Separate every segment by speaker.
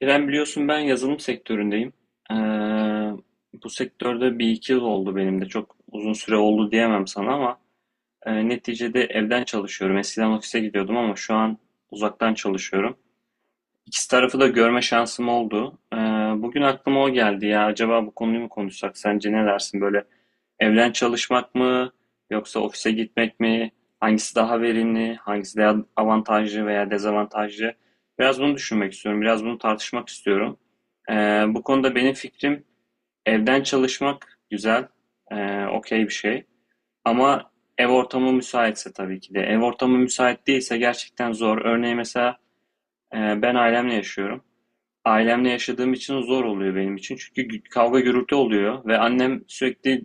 Speaker 1: İrem biliyorsun ben yazılım sektöründeyim. Ee, Bu sektörde bir iki yıl oldu benim de. Çok uzun süre oldu diyemem sana ama neticede evden çalışıyorum. Eskiden ofise gidiyordum ama şu an uzaktan çalışıyorum. İkisi tarafı da görme şansım oldu. Bugün aklıma o geldi ya. Acaba bu konuyu mu konuşsak? Sence ne dersin? Böyle evden çalışmak mı yoksa ofise gitmek mi? Hangisi daha verimli? Hangisi daha avantajlı veya dezavantajlı? Biraz bunu düşünmek istiyorum. Biraz bunu tartışmak istiyorum. Ee, Bu konuda benim fikrim evden çalışmak güzel, okey bir şey. Ama ev ortamı müsaitse tabii ki de. Ev ortamı müsait değilse gerçekten zor. Örneğin mesela ben ailemle yaşıyorum. Ailemle yaşadığım için zor oluyor benim için. Çünkü kavga gürültü oluyor ve annem sürekli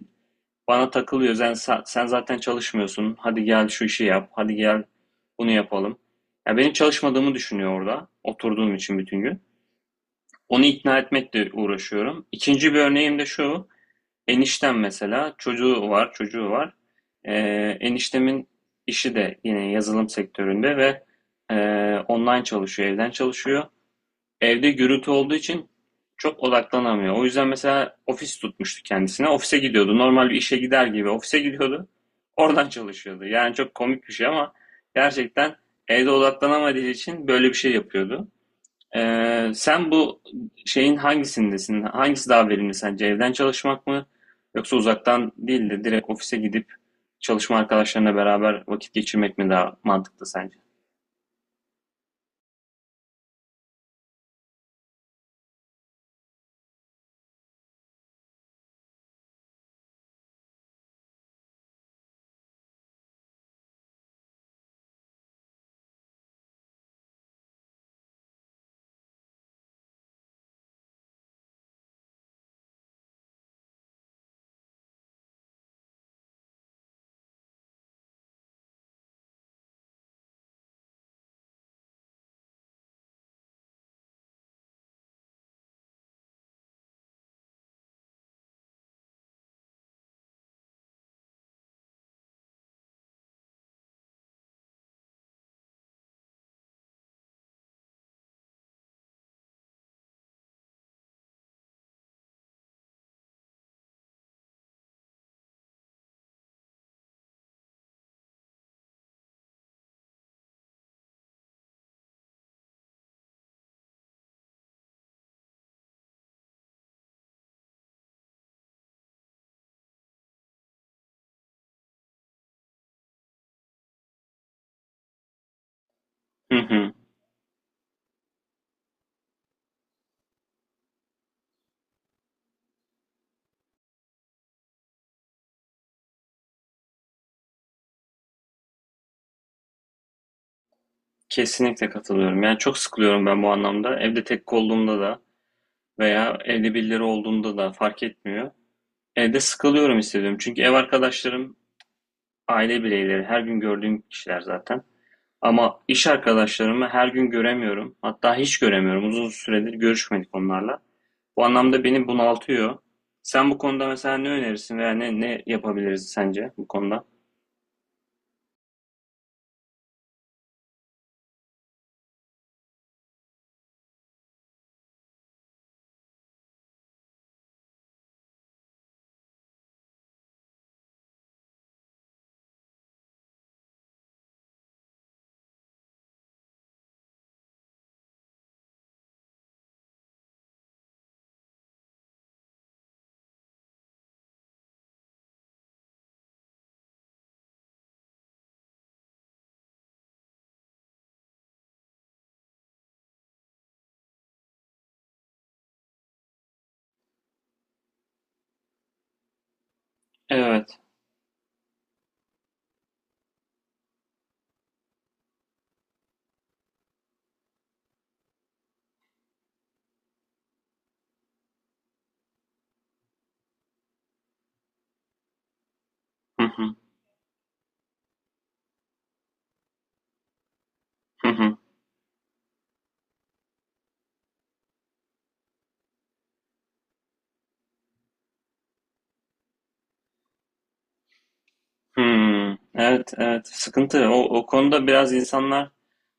Speaker 1: bana takılıyor. Sen, sen zaten çalışmıyorsun. Hadi gel şu işi yap. Hadi gel bunu yapalım. Ya benim çalışmadığımı düşünüyor orada. Oturduğum için bütün gün. Onu ikna etmekle uğraşıyorum. İkinci bir örneğim de şu. Eniştem mesela çocuğu var. Ee, Eniştemin işi de yine yazılım sektöründe ve e, online çalışıyor, evden çalışıyor. Evde gürültü olduğu için çok odaklanamıyor. O yüzden mesela ofis tutmuştu kendisine. Ofise gidiyordu. Normal bir işe gider gibi ofise gidiyordu. Oradan çalışıyordu. Yani çok komik bir şey ama gerçekten evde odaklanamadığı için böyle bir şey yapıyordu. Sen bu şeyin hangisindesin? Hangisi daha verimli sence? Evden çalışmak mı? Yoksa uzaktan değil de direkt ofise gidip çalışma arkadaşlarına beraber vakit geçirmek mi daha mantıklı sence? Hı hı. Kesinlikle katılıyorum. Yani çok sıkılıyorum ben bu anlamda. Evde tek olduğumda da veya evde birileri olduğunda da fark etmiyor. Evde sıkılıyorum hissediyorum. Çünkü ev arkadaşlarım aile bireyleri. Her gün gördüğüm kişiler zaten. Ama iş arkadaşlarımı her gün göremiyorum. Hatta hiç göremiyorum. Uzun süredir görüşmedik onlarla. Bu anlamda beni bunaltıyor. Sen bu konuda mesela ne önerirsin veya ne yapabiliriz sence bu konuda? Evet. Hı hı. Hı hı. Hmm, evet, evet. Sıkıntı. O konuda biraz insanlar,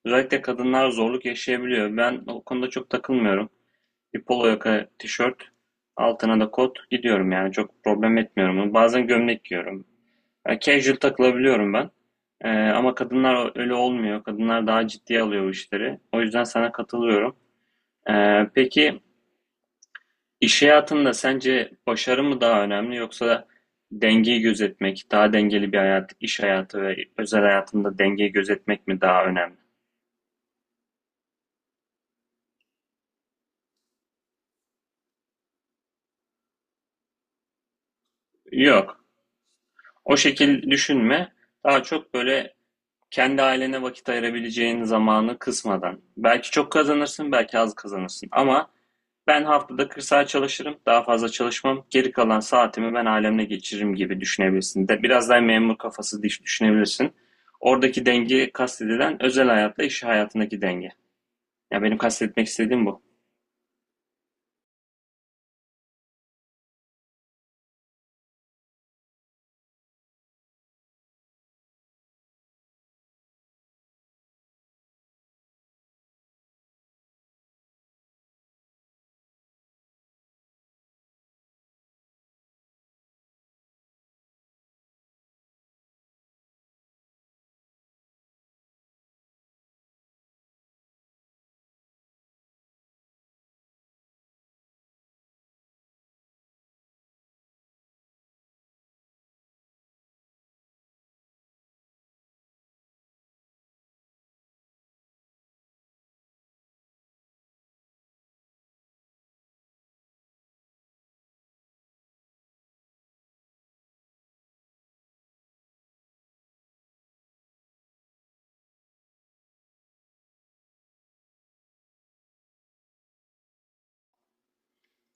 Speaker 1: özellikle kadınlar zorluk yaşayabiliyor. Ben o konuda çok takılmıyorum. Bir polo yaka tişört, altına da kot gidiyorum yani. Çok problem etmiyorum. Bazen gömlek giyiyorum. Yani casual takılabiliyorum ben. Ama kadınlar öyle olmuyor. Kadınlar daha ciddiye alıyor bu işleri. O yüzden sana katılıyorum. Peki İş hayatında sence başarı mı daha önemli yoksa dengeyi gözetmek, daha dengeli bir hayat, iş hayatı ve özel hayatında dengeyi gözetmek mi daha önemli? Yok. O şekil düşünme. Daha çok böyle kendi ailene vakit ayırabileceğin zamanı kısmadan. Belki çok kazanırsın, belki az kazanırsın ama ben haftada 40 saat çalışırım, daha fazla çalışmam. Geri kalan saatimi ben ailemle geçiririm gibi düşünebilirsin. De, biraz daha memur kafası düşünebilirsin. Oradaki denge kastedilen özel hayatla iş hayatındaki denge. Ya benim kastetmek istediğim bu.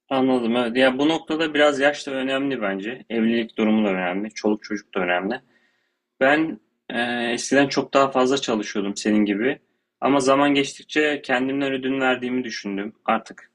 Speaker 1: Anladım evet. Ya bu noktada biraz yaş da önemli bence. Evlilik durumu da önemli. Çoluk çocuk da önemli. Ben e, eskiden çok daha fazla çalışıyordum senin gibi. Ama zaman geçtikçe kendimden ödün verdiğimi düşündüm. Artık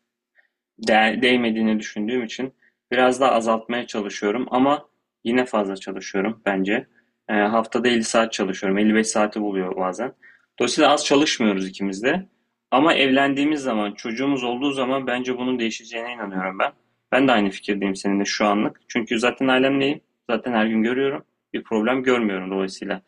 Speaker 1: değmediğini düşündüğüm için biraz daha azaltmaya çalışıyorum ama yine fazla çalışıyorum bence. Haftada 50 saat çalışıyorum. 55 saati buluyor bazen. Dolayısıyla az çalışmıyoruz ikimiz de. Ama evlendiğimiz zaman, çocuğumuz olduğu zaman bence bunun değişeceğine inanıyorum ben. Ben de aynı fikirdeyim seninle şu anlık. Çünkü zaten ailemleyim. Zaten her gün görüyorum. Bir problem görmüyorum dolayısıyla.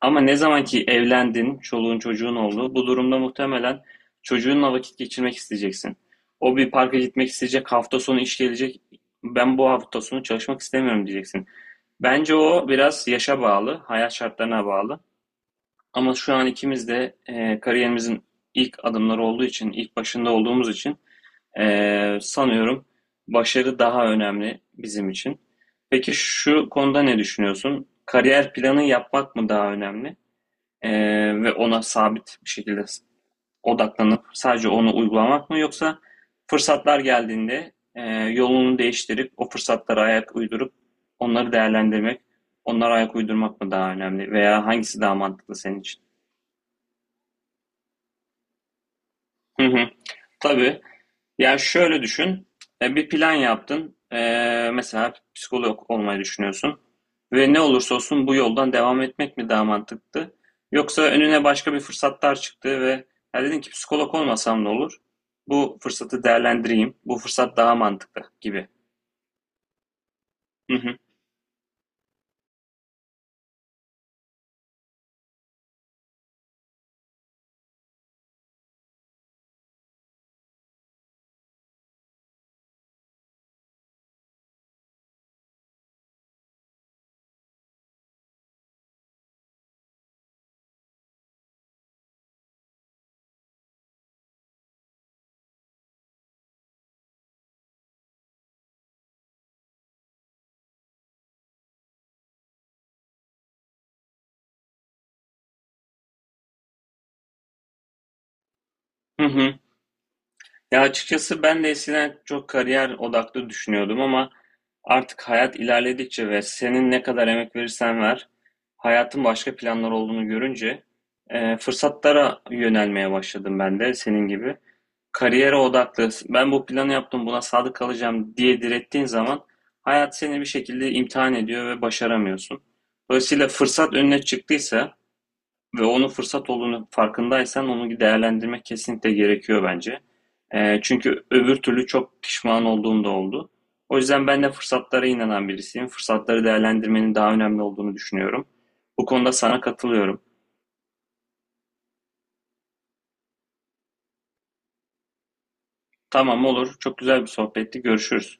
Speaker 1: Ama ne zaman ki evlendin, çoluğun çocuğun oldu, bu durumda muhtemelen çocuğunla vakit geçirmek isteyeceksin. O bir parka gitmek isteyecek, hafta sonu iş gelecek, ben bu hafta sonu çalışmak istemiyorum diyeceksin. Bence o biraz yaşa bağlı, hayat şartlarına bağlı. Ama şu an ikimiz de kariyerimizin ilk adımları olduğu için, ilk başında olduğumuz için sanıyorum başarı daha önemli bizim için. Peki şu konuda ne düşünüyorsun? Kariyer planı yapmak mı daha önemli? Ee, Ve ona sabit bir şekilde odaklanıp sadece onu uygulamak mı yoksa fırsatlar geldiğinde yolunu değiştirip o fırsatlara ayak uydurup onları değerlendirmek, onlara ayak uydurmak mı daha önemli veya hangisi daha mantıklı senin için? Hı hı. Tabii. Ya şöyle düşün, bir plan yaptın, mesela psikolog olmayı düşünüyorsun ve ne olursa olsun bu yoldan devam etmek mi daha mantıklı? Yoksa önüne başka bir fırsatlar çıktı ve ya dedin ki psikolog olmasam ne olur? Bu fırsatı değerlendireyim, bu fırsat daha mantıklı gibi. Hı hı, hı hı. Ya açıkçası ben de eskiden çok kariyer odaklı düşünüyordum ama artık hayat ilerledikçe ve senin ne kadar emek verirsen ver, hayatın başka planlar olduğunu görünce fırsatlara yönelmeye başladım ben de senin gibi. Kariyere odaklı, ben bu planı yaptım, buna sadık kalacağım diye direttiğin zaman hayat seni bir şekilde imtihan ediyor ve başaramıyorsun. Dolayısıyla fırsat önüne çıktıysa ve onu fırsat olduğunu farkındaysan onu değerlendirmek kesinlikle gerekiyor bence. Çünkü öbür türlü çok pişman olduğum da oldu. O yüzden ben de fırsatlara inanan birisiyim. Fırsatları değerlendirmenin daha önemli olduğunu düşünüyorum. Bu konuda sana katılıyorum. Tamam olur. Çok güzel bir sohbetti. Görüşürüz.